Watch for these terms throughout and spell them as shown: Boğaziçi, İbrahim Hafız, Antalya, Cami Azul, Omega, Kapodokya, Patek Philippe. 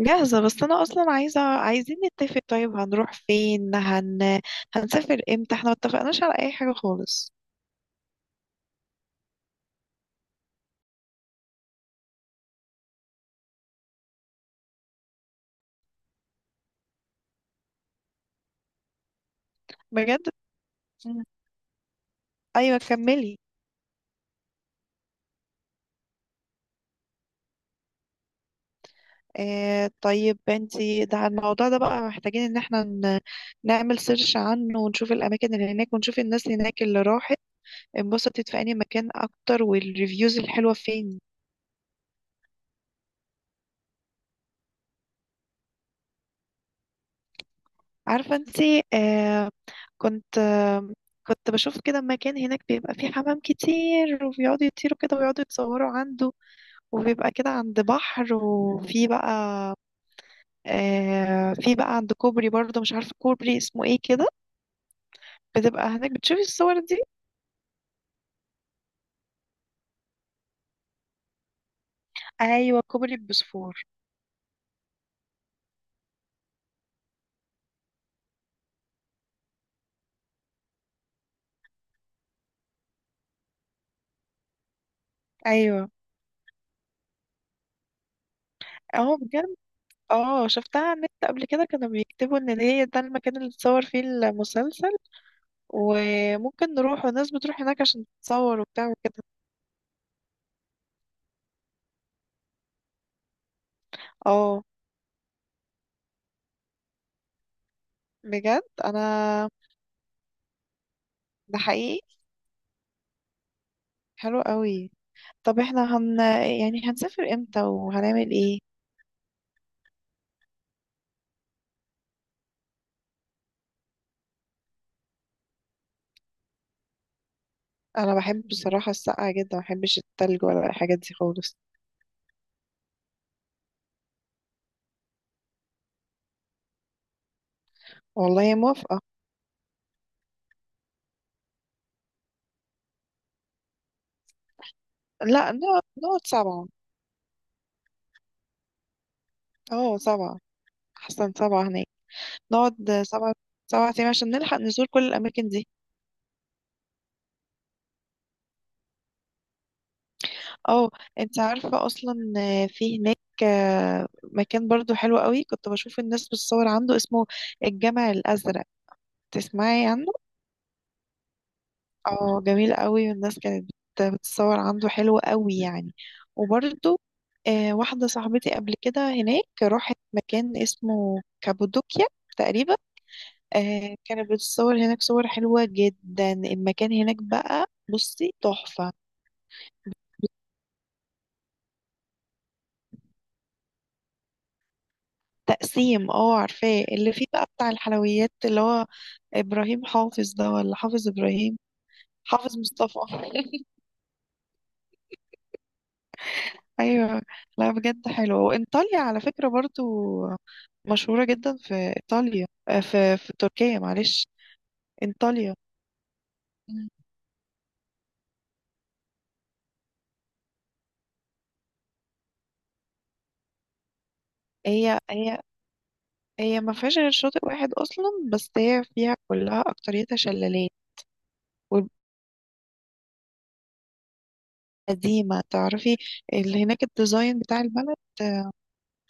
جاهزة، بس أنا أصلا عايزين نتفق. طيب هنروح فين، هنسافر امتى؟ احنا متفقناش على أي حاجة خالص. بجد. مم. أيوة كملي. آه طيب انتي، ده الموضوع ده بقى محتاجين ان احنا نعمل سيرش عنه ونشوف الأماكن اللي هناك، ونشوف الناس هناك اللي راحت انبسطت في أي مكان أكتر، والريفيوز الحلوة فين. عارفة انتي، آه كنت، آه كنت بشوف كده مكان هناك بيبقى فيه حمام كتير وبيقعدوا يطيروا كده ويقعدوا يتصوروا عنده، وبيبقى كده عند بحر، وفي بقى، آه في بقى عند كوبري برضه، مش عارفة كوبري اسمه ايه كده، بتبقى هناك بتشوفي الصور دي. ايوه كوبري بوسفور. ايوه. اه بجد. اه شفتها على النت قبل كده، كانوا بيكتبوا ان هي ده المكان اللي اتصور فيه المسلسل، وممكن نروح، والناس بتروح هناك عشان تتصور وبتاع وكده. اه بجد انا. ده حقيقي. حلو قوي. طب احنا هن، يعني هنسافر امتى وهنعمل ايه؟ انا بحب بصراحه السقعه جدا، ما بحبش التلج ولا الحاجات دي خالص. والله موافقه. لا، نقعد سبعه. اه سبعه، احسن سبعه هناك. نقعد سبعه، 7 ايام عشان نلحق نزور كل الاماكن دي. اه. انت عارفه اصلا في هناك، آه، مكان برضو حلو قوي، كنت بشوف الناس بتصور عنده، اسمه الجامع الازرق. تسمعي عنه. اه جميل قوي، والناس كانت بتتصور عنده، حلو قوي يعني. وبرده، آه واحدة صاحبتي قبل كده هناك راحت مكان اسمه كابودوكيا تقريبا. آه كانت بتتصور هناك صور حلوة جدا، المكان هناك بقى بصي تحفة. تقسيم اه عارفاه، اللي فيه بقى بتاع الحلويات اللي هو إبراهيم حافظ ده، ولا حافظ إبراهيم؟ حافظ مصطفى ايوه. لا بجد حلو، وانطاليا على فكره برضو مشهوره جدا في ايطاليا، آه، في تركيا، معلش، انطاليا. مم. هي هي ما فيهاش غير شاطئ واحد اصلا، بس هي فيها كلها اكتريتها شلالات. وقديمه تعرفي اللي هناك، الديزاين بتاع البلد.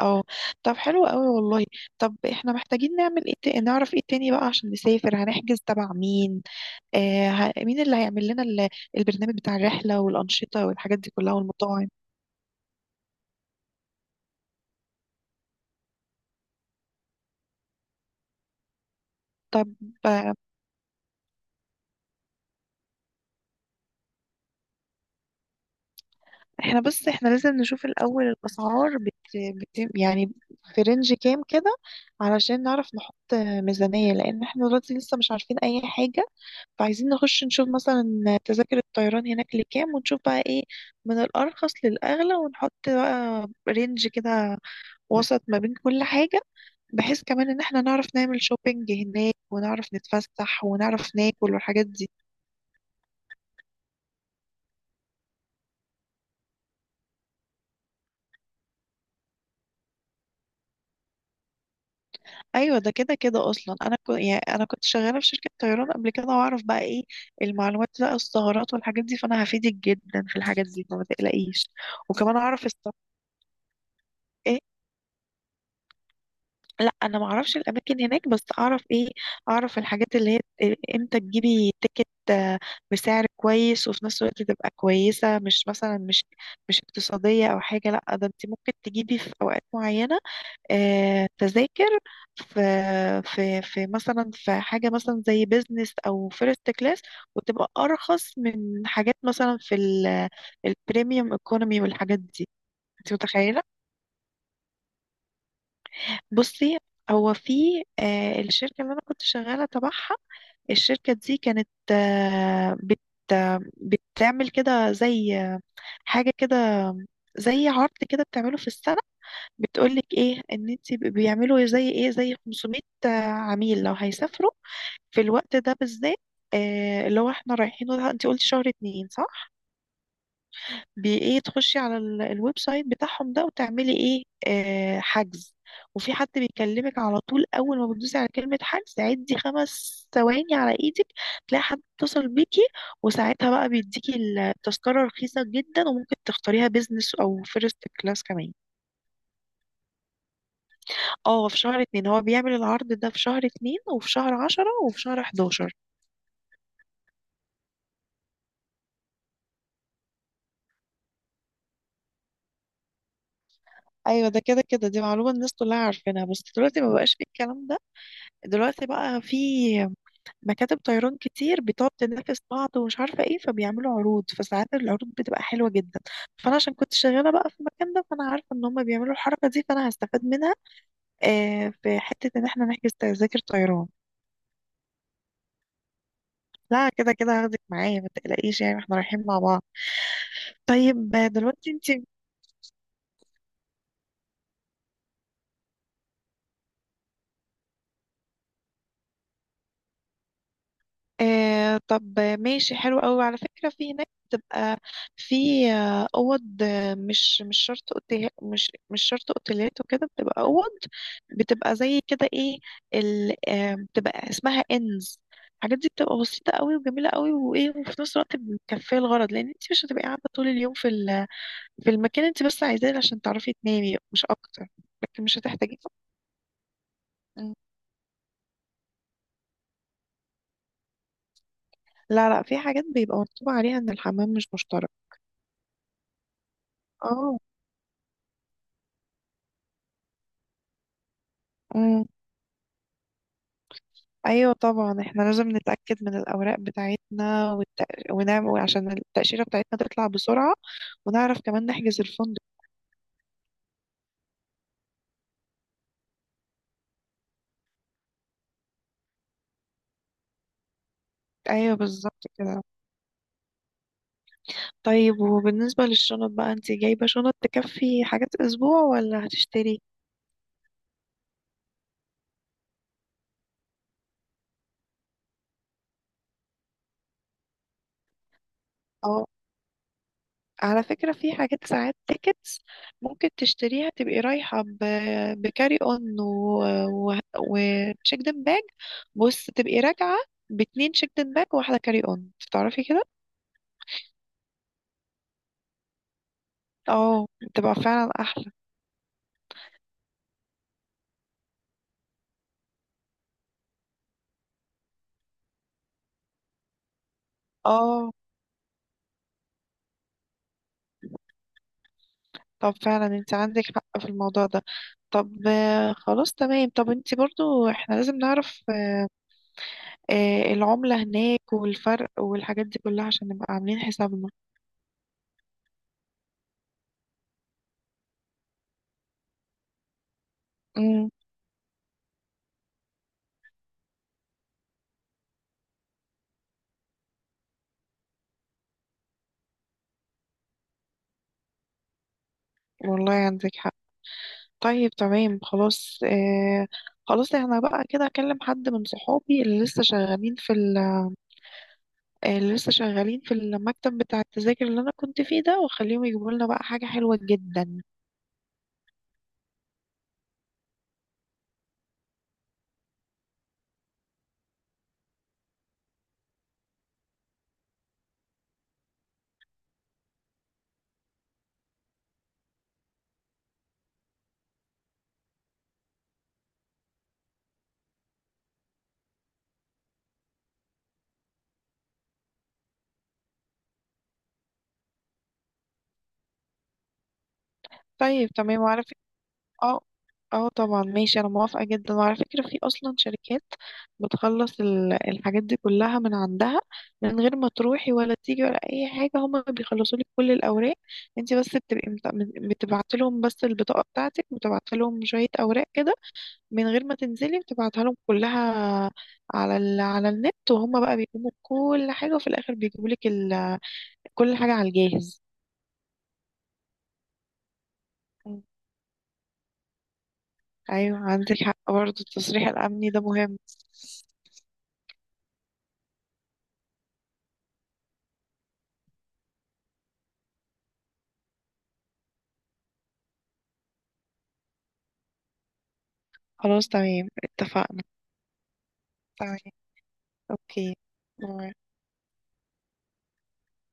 اه. طب حلو قوي والله. طب احنا محتاجين نعمل ايه، نعرف ايه تاني بقى عشان نسافر، هنحجز تبع مين؟ آه، مين اللي هيعمل لنا البرنامج بتاع الرحلة والأنشطة والحاجات دي كلها والمطاعم. طب، آه، احنا بس احنا لازم نشوف الأول، الأسعار يعني في رينج كام كده، علشان نعرف نحط آه، ميزانية، لأن احنا دلوقتي لسه مش عارفين أي حاجة. فعايزين نخش نشوف مثلا تذاكر الطيران هناك لكام، ونشوف بقى ايه من الأرخص للأغلى، ونحط بقى رينج كده وسط ما بين كل حاجة، بحيث كمان ان احنا نعرف نعمل شوبينج هناك، ونعرف نتفسح، ونعرف ناكل، والحاجات دي. ايوه ده كده كده، اصلا انا كنت، يعني انا كنت شغاله في شركه طيران قبل كده، واعرف بقى ايه المعلومات بقى، الثغرات والحاجات دي، فانا هفيدك جدا في الحاجات دي، فما تقلقيش. وكمان اعرف الصف. ايه؟ لا انا ما اعرفش الاماكن هناك، بس اعرف ايه، اعرف الحاجات اللي هي امتى تجيبي تيكت، آه، بسعر كويس، وفي نفس الوقت تبقى كويسه، مش مش اقتصاديه او حاجه، لا ده انت ممكن تجيبي في اوقات معينه، آه، تذاكر، في في مثلا في حاجة مثلا زي بيزنس أو فيرست كلاس، وتبقى أرخص من حاجات مثلا في البريميوم ايكونومي والحاجات دي. أنت متخيلة؟ بصي، هو في، آه، الشركة اللي أنا كنت شغالة تبعها، الشركة دي كانت، آه، بت، آه، بتعمل كده زي، آه، حاجة كده، زي عرض كده بتعمله في السنة. بتقولك ايه ان انت بيعملوا زي ايه، زي 500 عميل لو هيسافروا في الوقت ده بالذات، آه اللي هو احنا رايحينه ده، انت قلتي شهر اتنين صح؟ بي ايه، تخشي على الويب سايت بتاعهم ده، وتعملي ايه، آه حجز، وفي حد بيكلمك على طول اول ما بتدوسي على كلمة حجز، عدي 5 ثواني على ايدك تلاقي حد اتصل بيكي، وساعتها بقى بيديكي التذكرة رخيصة جدا، وممكن تختاريها بيزنس او فيرست كلاس كمان. اه في شهر اتنين، هو بيعمل العرض ده في شهر اتنين، وفي شهر عشرة، وفي شهر حداشر. ايوه ده كده كده، دي معلومة الناس كلها عارفينها، بس دلوقتي ما بقاش في الكلام ده، دلوقتي بقى في مكاتب طيران كتير بتقعد تنافس بعض ومش عارفة ايه، فبيعملوا عروض، فساعات العروض بتبقى حلوة جدا. فانا عشان كنت شغالة بقى في المكان ده، فانا عارفة ان هم بيعملوا الحركة دي، فانا هستفاد منها آه في حتة ان احنا نحجز تذاكر طيران. لا كده كده هاخدك معايا ما تقلقيش، يعني احنا رايحين مع بعض. طيب، آه، دلوقتي انت. آه طب ماشي حلو قوي، على فكرة في هناك بتبقى في، آه، أوض، آه، مش شرط أوتيل، مش شرط أوتيلات وكده، بتبقى أوض، بتبقى زي كده إيه، ال آه، بتبقى اسمها إنز. الحاجات دي بتبقى بسيطة قوي وجميلة قوي وإيه، وفي نفس الوقت مكفية الغرض، لأن أنت مش هتبقي قاعدة طول اليوم في في المكان، أنت بس عايزاه عشان تعرفي تنامي مش أكتر. لكن مش هتحتاجي. لا في حاجات بيبقى مكتوب عليها إن الحمام مش مشترك. اه. ايوه طبعا احنا لازم نتاكد من الاوراق بتاعتنا، ونعمل عشان التاشيره بتاعتنا تطلع بسرعه، ونعرف كمان نحجز الفندق. ايوه بالظبط كده. طيب وبالنسبه للشنط بقى، انت جايبه شنط تكفي حاجات اسبوع ولا هتشتري؟ اه على فكره في حاجات ساعات تيكتس ممكن تشتريها، تبقي رايحه بكاري اون و... وتشيكدن باج. بص تبقي راجعه باتنين شيكدن باج وواحده كاري اون، تعرفي كده. اه بتبقى فعلا احلى. اه طب فعلا انت عندك حق في الموضوع ده. طب، آه، خلاص تمام، طب انت برضو، احنا لازم نعرف، آه، العملة هناك والفرق والحاجات دي كلها عشان نبقى عاملين حسابنا. امم. والله عندك حق. طيب تمام خلاص اه. خلاص احنا بقى كده اكلم حد من صحابي اللي لسه شغالين في آه، اللي لسه شغالين في المكتب بتاع التذاكر اللي انا كنت فيه ده، واخليهم يجيبوا لنا بقى حاجة حلوة جدا. طيب تمام وعارف. اه. اه طبعا ماشي انا موافقة جدا. وعلى فكرة في اصلا شركات بتخلص الحاجات دي كلها من عندها، من غير ما تروحي ولا تيجي ولا اي حاجة، هما بيخلصوا لك كل الاوراق، انت بس بتبقي بتبعتي لهم بس البطاقة بتاعتك، وتبعتي لهم شوية اوراق كده، من غير ما تنزلي، بتبعتها لهم كلها على على النت، وهما بقى بيقوموا بكل حاجة، وفي الاخر بيجيبوا لك كل حاجة على الجاهز. ايوه عندك حق برضه، التصريح الامني ده مهم. خلاص تمام اتفقنا. تمام. اوكي. باي.